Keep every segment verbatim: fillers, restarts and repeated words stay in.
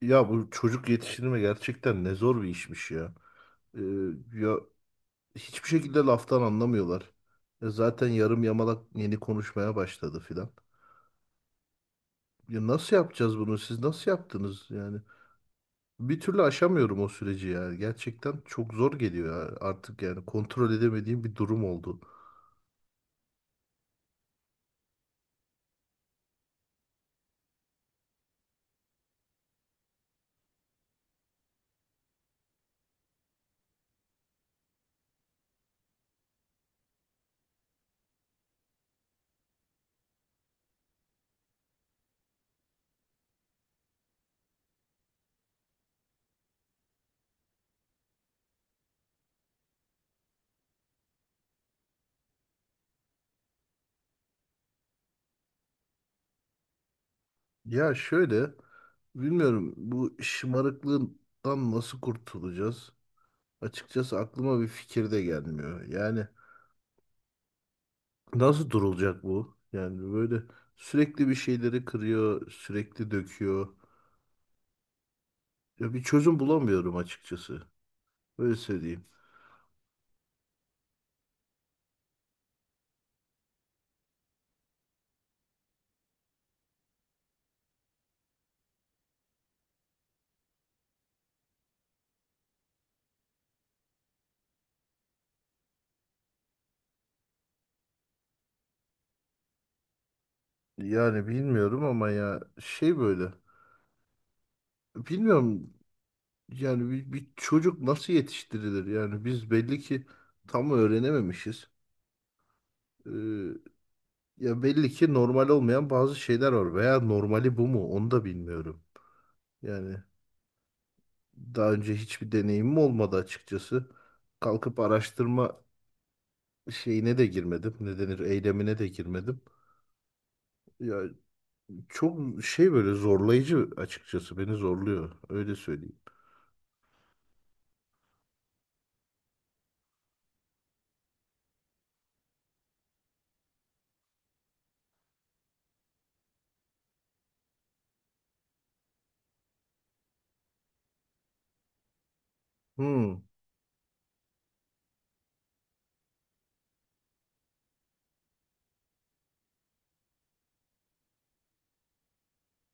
Ya bu çocuk yetiştirme gerçekten ne zor bir işmiş ya. Ee, ya Hiçbir şekilde laftan anlamıyorlar. Ya zaten yarım yamalak yeni konuşmaya başladı filan. Ya nasıl yapacağız bunu? Siz nasıl yaptınız yani? Bir türlü aşamıyorum o süreci ya. Gerçekten çok zor geliyor ya, artık yani kontrol edemediğim bir durum oldu. Ya şöyle, bilmiyorum, bu şımarıklığından nasıl kurtulacağız? Açıkçası aklıma bir fikir de gelmiyor. Yani nasıl durulacak bu? Yani böyle sürekli bir şeyleri kırıyor, sürekli döküyor. Ya bir çözüm bulamıyorum açıkçası. Öyle söyleyeyim. Yani bilmiyorum ama ya şey böyle. Bilmiyorum yani bir, bir çocuk nasıl yetiştirilir? Yani biz belli ki tam öğrenememişiz. Ee, Ya belli ki normal olmayan bazı şeyler var veya normali bu mu? Onu da bilmiyorum. Yani daha önce hiçbir deneyimim olmadı açıkçası. Kalkıp araştırma şeyine de girmedim. Ne denir? Eylemine de girmedim. Ya çok şey böyle zorlayıcı, açıkçası beni zorluyor. Öyle söyleyeyim. Hmm,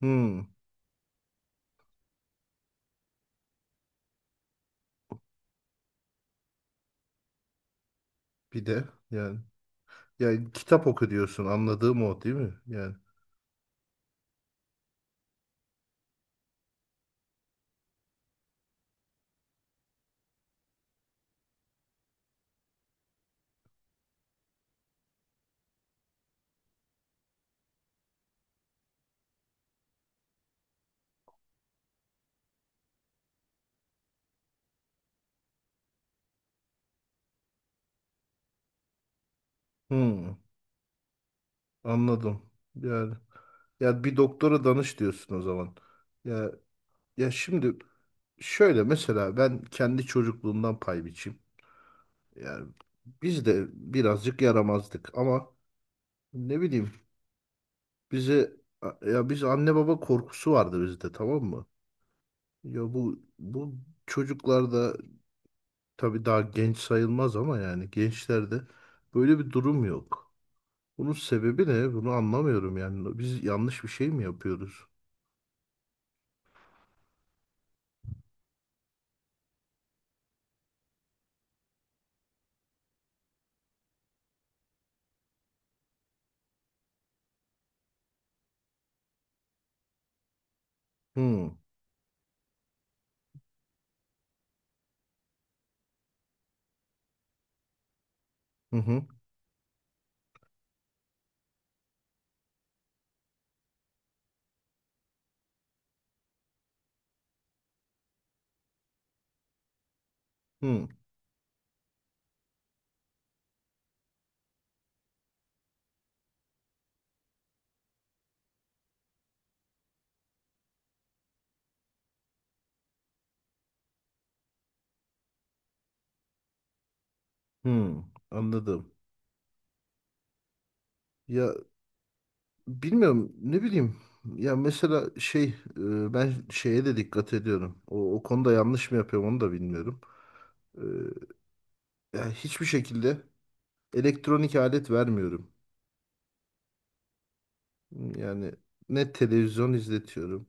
hmm. Bir de yani, yani kitap oku diyorsun, anladığım o değil mi? Yani hmm, anladım. Yani ya bir doktora danış diyorsun o zaman. Ya ya şimdi şöyle, mesela ben kendi çocukluğumdan pay biçeyim. Yani biz de birazcık yaramazdık ama ne bileyim, bize, ya biz, anne baba korkusu vardı bizde, tamam mı? Ya bu bu çocuklarda, tabii daha genç sayılmaz ama yani gençlerde, böyle bir durum yok. Bunun sebebi ne? Bunu anlamıyorum yani. Biz yanlış bir şey mi yapıyoruz? Hmm. Hı hı. Hı. Hı. Anladım. Ya bilmiyorum, ne bileyim. Ya mesela şey, e, ben şeye de dikkat ediyorum. O, o konuda yanlış mı yapıyorum onu da bilmiyorum. E, Ya hiçbir şekilde elektronik alet vermiyorum. Yani ne televizyon izletiyorum.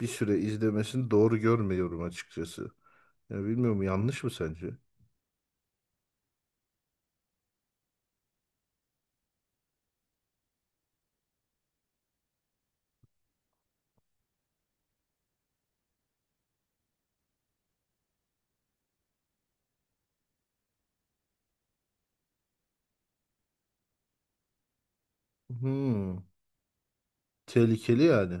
Bir süre izlemesini doğru görmüyorum açıkçası. Ya bilmiyorum, yanlış mı sence? Hmm, tehlikeli yani.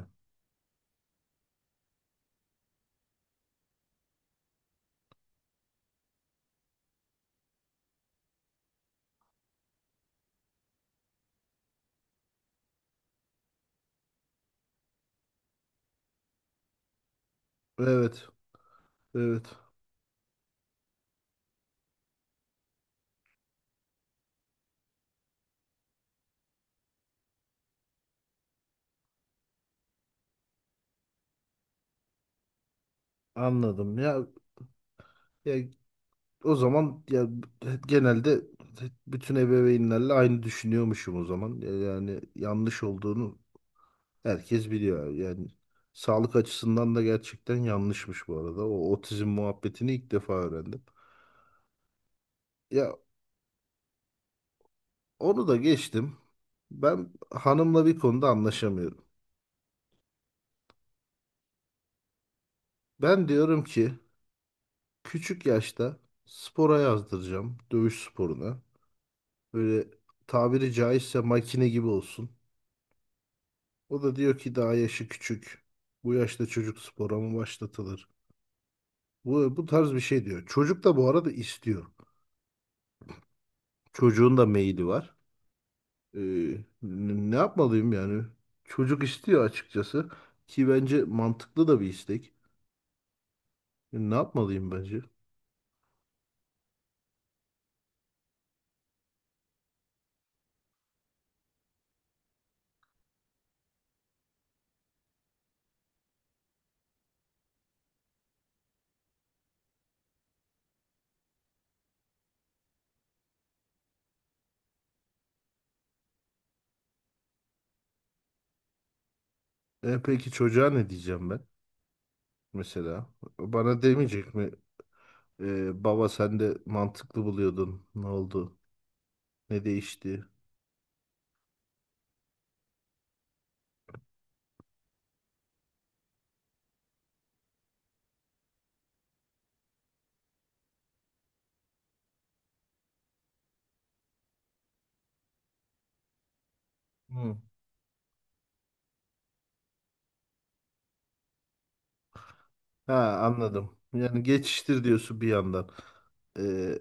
Evet, evet. Anladım. Ya, ya o zaman ya genelde bütün ebeveynlerle aynı düşünüyormuşum o zaman. Ya yani yanlış olduğunu herkes biliyor. Yani sağlık açısından da gerçekten yanlışmış bu arada. O otizm muhabbetini ilk defa öğrendim. Ya onu da geçtim. Ben hanımla bir konuda anlaşamıyorum. Ben diyorum ki küçük yaşta spora yazdıracağım. Dövüş sporuna. Böyle tabiri caizse makine gibi olsun. O da diyor ki daha yaşı küçük. Bu yaşta çocuk spora mı başlatılır? Bu, bu tarz bir şey diyor. Çocuk da bu arada istiyor. Çocuğun da meyili var. Ee, n- Ne yapmalıyım yani? Çocuk istiyor açıkçası. Ki bence mantıklı da bir istek. E, Ne yapmalıyım bence? E peki çocuğa ne diyeceğim ben mesela? Bana demeyecek mi? E, baba sen de mantıklı buluyordun. Ne oldu? Ne değişti? Hı. Ha, anladım. Yani geçiştir diyorsun bir yandan. E,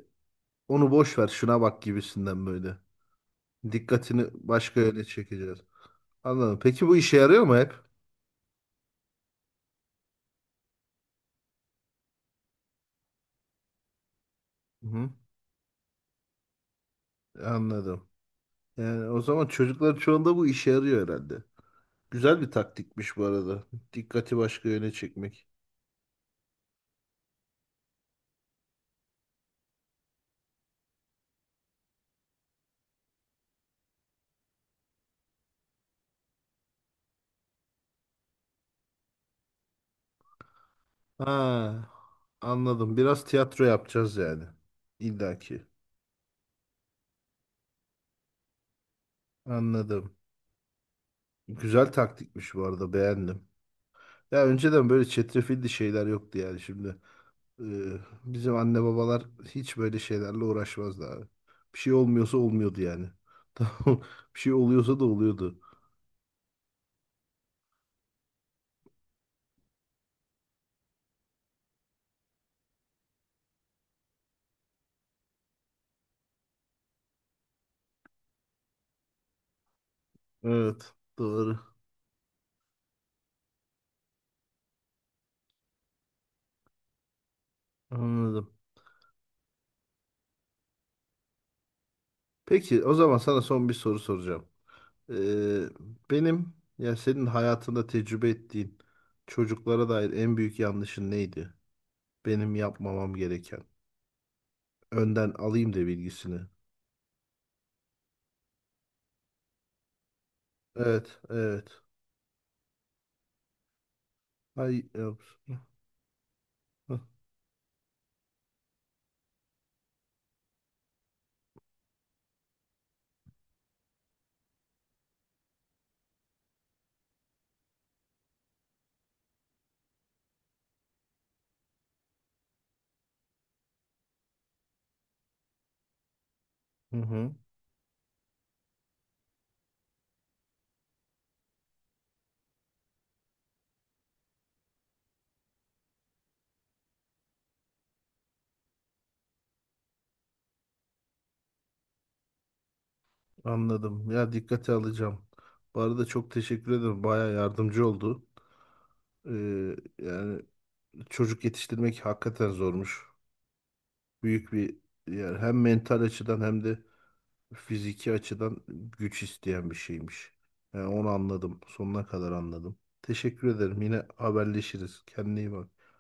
Onu boş ver, şuna bak gibisinden böyle. Dikkatini başka yöne çekeceğiz. Anladım. Peki bu işe yarıyor mu hep? Hı. Anladım. Yani o zaman çocukların çoğunda bu işe yarıyor herhalde. Güzel bir taktikmiş bu arada. Dikkati başka yöne çekmek. Ha, anladım. Biraz tiyatro yapacağız yani. İlla ki. Anladım. Güzel taktikmiş bu arada, beğendim. Ya önceden böyle çetrefilli şeyler yoktu yani şimdi. Ee, Bizim anne babalar hiç böyle şeylerle uğraşmazdı abi. Bir şey olmuyorsa olmuyordu yani. Tamam. Bir şey oluyorsa da oluyordu. Evet, doğru. Anladım. Peki, o zaman sana son bir soru soracağım. Ee, Benim, ya senin hayatında tecrübe ettiğin çocuklara dair en büyük yanlışın neydi? Benim yapmamam gereken. Önden alayım da bilgisini. Evet, evet. Ay, yok. Hı hı. Anladım. Ya dikkate alacağım. Bu arada çok teşekkür ederim. Baya yardımcı oldu. Ee, yani çocuk yetiştirmek hakikaten zormuş. Büyük bir, yani hem mental açıdan hem de fiziki açıdan güç isteyen bir şeymiş. Yani onu anladım. Sonuna kadar anladım. Teşekkür ederim. Yine haberleşiriz. Kendine iyi bak.